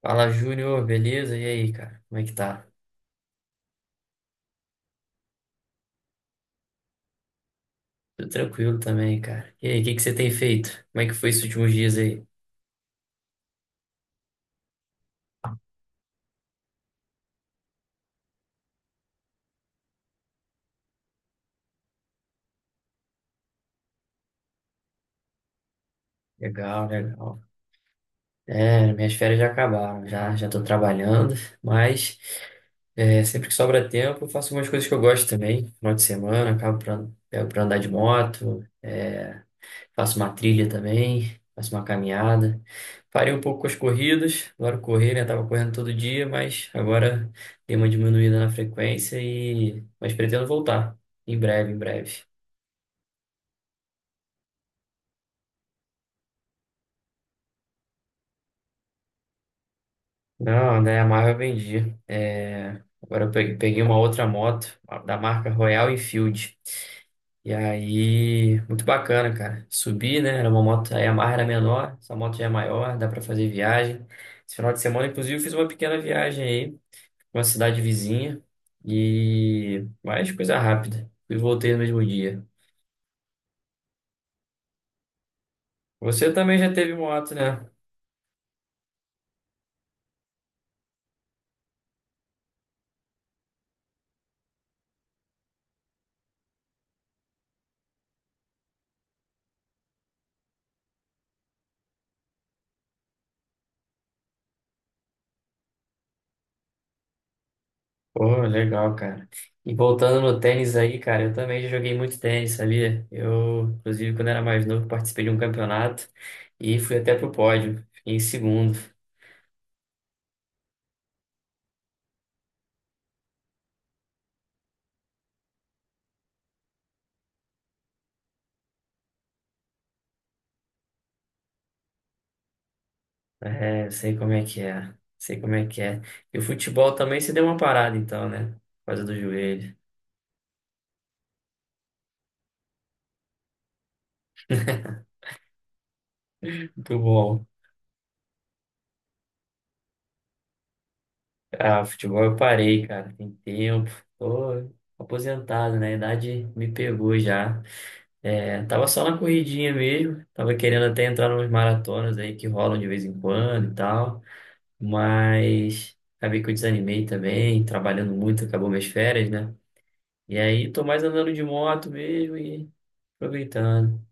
Fala, Júnior, beleza? E aí, cara? Como é que tá? Tudo tranquilo também, cara. E aí, o que que você tem feito? Como é que foi esses últimos dias aí? Legal, legal. É, minhas férias já acabaram, já já tô trabalhando, mas é, sempre que sobra tempo eu faço umas coisas que eu gosto também. Final de semana, pego pra andar de moto, é, faço uma trilha também, faço uma caminhada. Parei um pouco com as corridas, agora correr, né? Tava correndo todo dia, mas agora dei uma diminuída na frequência e mas pretendo voltar em breve, em breve. Não, né? A Marvel eu vendi. É, agora eu peguei uma outra moto da marca Royal Enfield. E aí, muito bacana, cara. Subi, né? Era uma moto, a Yamaha era menor, essa moto já é maior, dá pra fazer viagem. Esse final de semana, inclusive, eu fiz uma pequena viagem uma cidade vizinha e mais coisa rápida. Fui e voltei no mesmo dia. Você também já teve moto, né? Pô, legal, cara. E voltando no tênis aí, cara, eu também já joguei muito tênis, sabia? Eu, inclusive, quando era mais novo, participei de um campeonato e fui até pro pódio. Fiquei em segundo. É, sei como é que é. Sei como é que é. E o futebol também se deu uma parada, então, né? Por causa do joelho. Muito bom. Ah, futebol eu parei, cara, tem tempo. Tô aposentado, né? A idade me pegou já. É, tava só na corridinha mesmo. Tava querendo até entrar numas maratonas aí que rolam de vez em quando e tal. Mas acabei que eu desanimei também, trabalhando muito, acabou minhas férias, né? E aí tô mais andando de moto mesmo e aproveitando.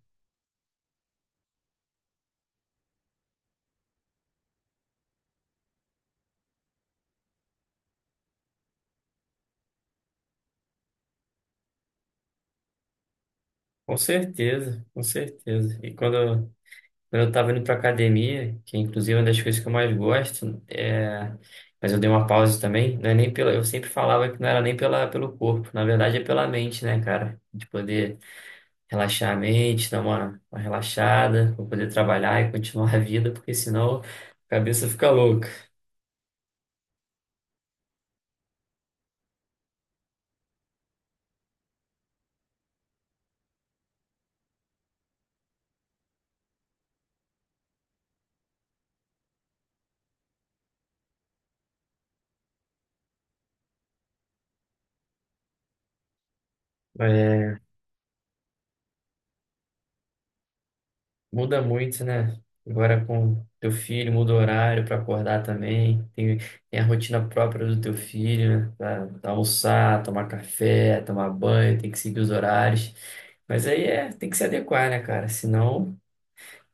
Com certeza, com certeza. E quando. Quando eu estava indo para academia, que inclusive é uma das coisas que eu mais gosto, é, mas eu dei uma pausa também, não é nem pela, eu sempre falava que não era nem pela, pelo corpo, na verdade é pela mente, né, cara? De poder relaxar a mente, dar uma relaxada, pra poder trabalhar e continuar a vida, porque senão a cabeça fica louca. É, muda muito, né? Agora com teu filho, muda o horário para acordar também. Tem a rotina própria do teu filho, né? Pra almoçar, tomar café, tomar banho, tem que seguir os horários. Mas aí é, tem que se adequar, né, cara? Senão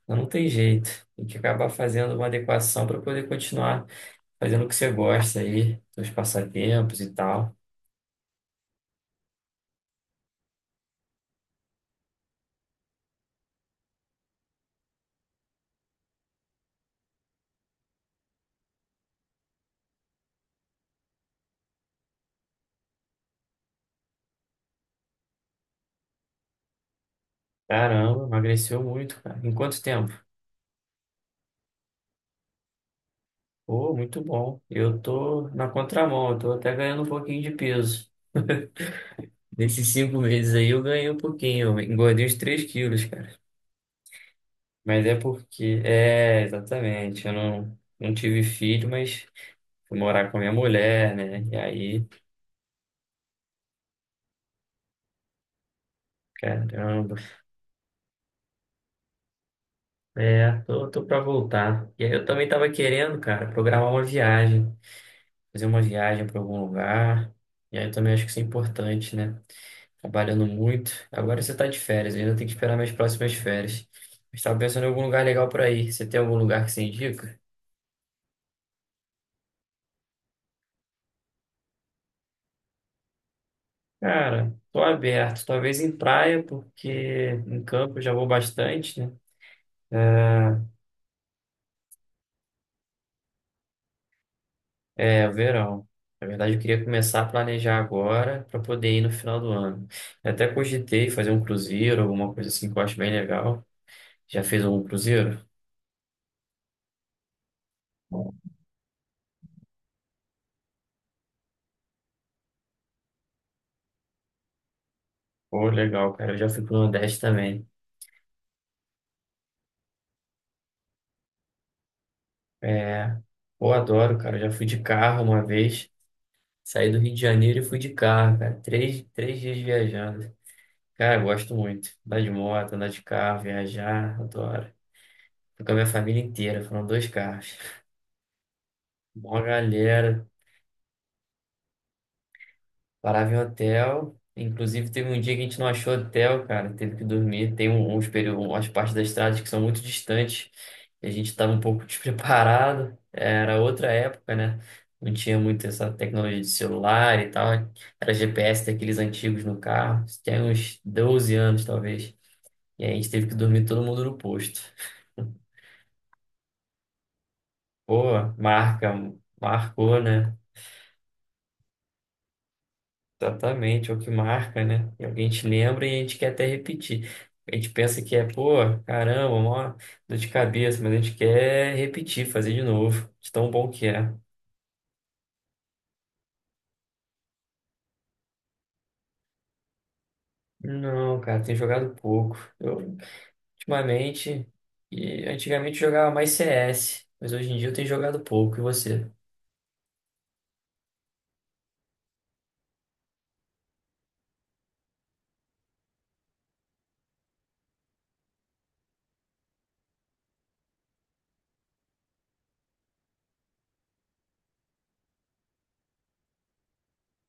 não tem jeito. Tem que acabar fazendo uma adequação para poder continuar fazendo o que você gosta aí, seus passatempos e tal. Caramba, emagreceu muito, cara. Em quanto tempo? Pô, muito bom. Eu tô na contramão, eu tô até ganhando um pouquinho de peso. Nesses 5 meses aí eu ganhei um pouquinho, eu engordei uns 3 quilos, cara. Mas é porque, é, exatamente, eu não tive filho, mas fui morar com a minha mulher, né? E aí, caramba, é, tô pra voltar. E aí eu também tava querendo, cara, programar uma viagem, fazer uma viagem pra algum lugar. E aí eu também acho que isso é importante, né? Trabalhando muito. Agora você tá de férias, eu ainda tenho que esperar minhas próximas férias. Mas tava pensando em algum lugar legal pra ir. Você tem algum lugar que você indica? Cara, tô aberto, talvez em praia, porque em campo eu já vou bastante, né? É, é, verão. Na verdade, eu queria começar a planejar agora para poder ir no final do ano. Eu até cogitei fazer um cruzeiro, alguma coisa assim que eu acho bem legal. Já fez algum cruzeiro? Pô, legal, cara. Eu já fui pro Nordeste também. É, pô, adoro, cara. Eu já fui de carro uma vez. Saí do Rio de Janeiro e fui de carro, cara. Três dias viajando. Cara, eu gosto muito. Andar de moto, andar de carro, viajar, adoro. Fui com a minha família inteira, foram 2 carros. Uma galera, parava em hotel. Inclusive, teve um dia que a gente não achou hotel, cara, teve que dormir. Uns períodos, umas partes das estradas que são muito distantes e a gente estava um pouco despreparado. Era outra época, né? Não tinha muito essa tecnologia de celular e tal. Era GPS daqueles antigos no carro. Isso tem uns 12 anos, talvez. E aí a gente teve que dormir todo mundo no posto. Pô, marca, marcou, né? Exatamente, é o que marca, né? E alguém te lembra e a gente quer até repetir. A gente pensa que é, pô, caramba, mó dor de cabeça, mas a gente quer repetir, fazer de novo, de tão bom que é. Não, cara, tem jogado pouco. Eu, ultimamente, e antigamente eu jogava mais CS, mas hoje em dia eu tenho jogado pouco. E você?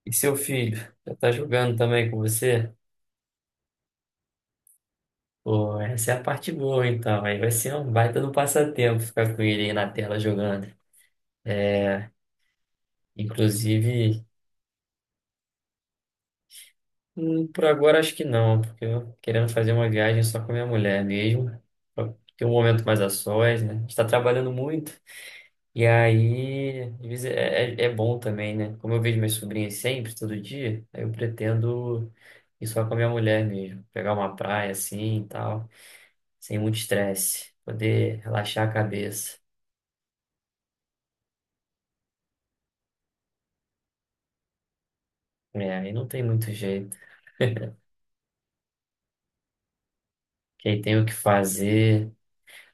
E seu filho? Já tá jogando também com você? Pô, essa é a parte boa, então. Aí vai ser um baita do passatempo ficar com ele aí na tela jogando. Inclusive, por agora acho que não, porque eu querendo fazer uma viagem só com a minha mulher mesmo. Pra ter um momento mais a sós, né? A gente tá trabalhando muito. E aí, às vezes é bom também, né? Como eu vejo minhas sobrinhas sempre, todo dia, aí eu pretendo ir só com a minha mulher mesmo. Pegar uma praia assim e tal, sem muito estresse. Poder relaxar a cabeça. É, aí não tem muito jeito. Quem tem o que fazer.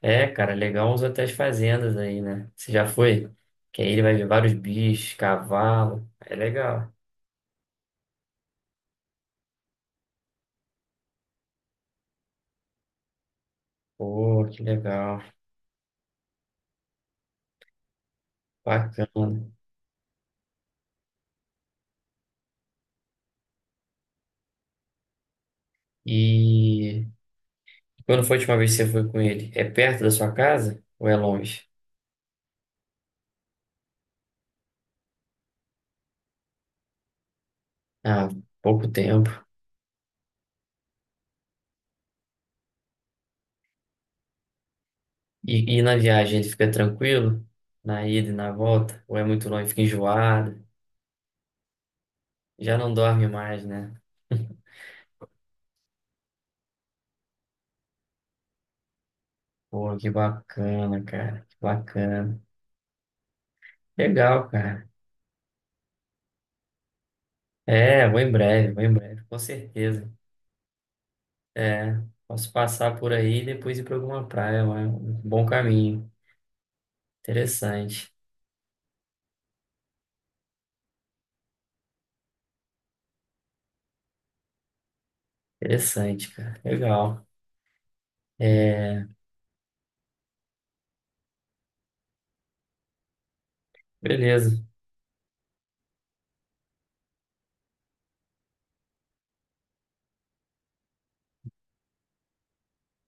É, cara, legal os hotéis fazendas aí, né? Você já foi? Que aí ele vai ver vários bichos, cavalo. É legal. Pô, que legal. Bacana. E quando foi a última vez que você foi com ele? É perto da sua casa ou é longe? Ah, pouco tempo. E na viagem ele fica tranquilo? Na ida e na volta? Ou é muito longe, fica enjoado? Já não dorme mais, né? Pô, que bacana, cara. Que bacana. Legal, cara. É, vou em breve, com certeza. É, posso passar por aí e depois ir para alguma praia, é um bom caminho. Interessante, interessante, cara. Legal. É, beleza.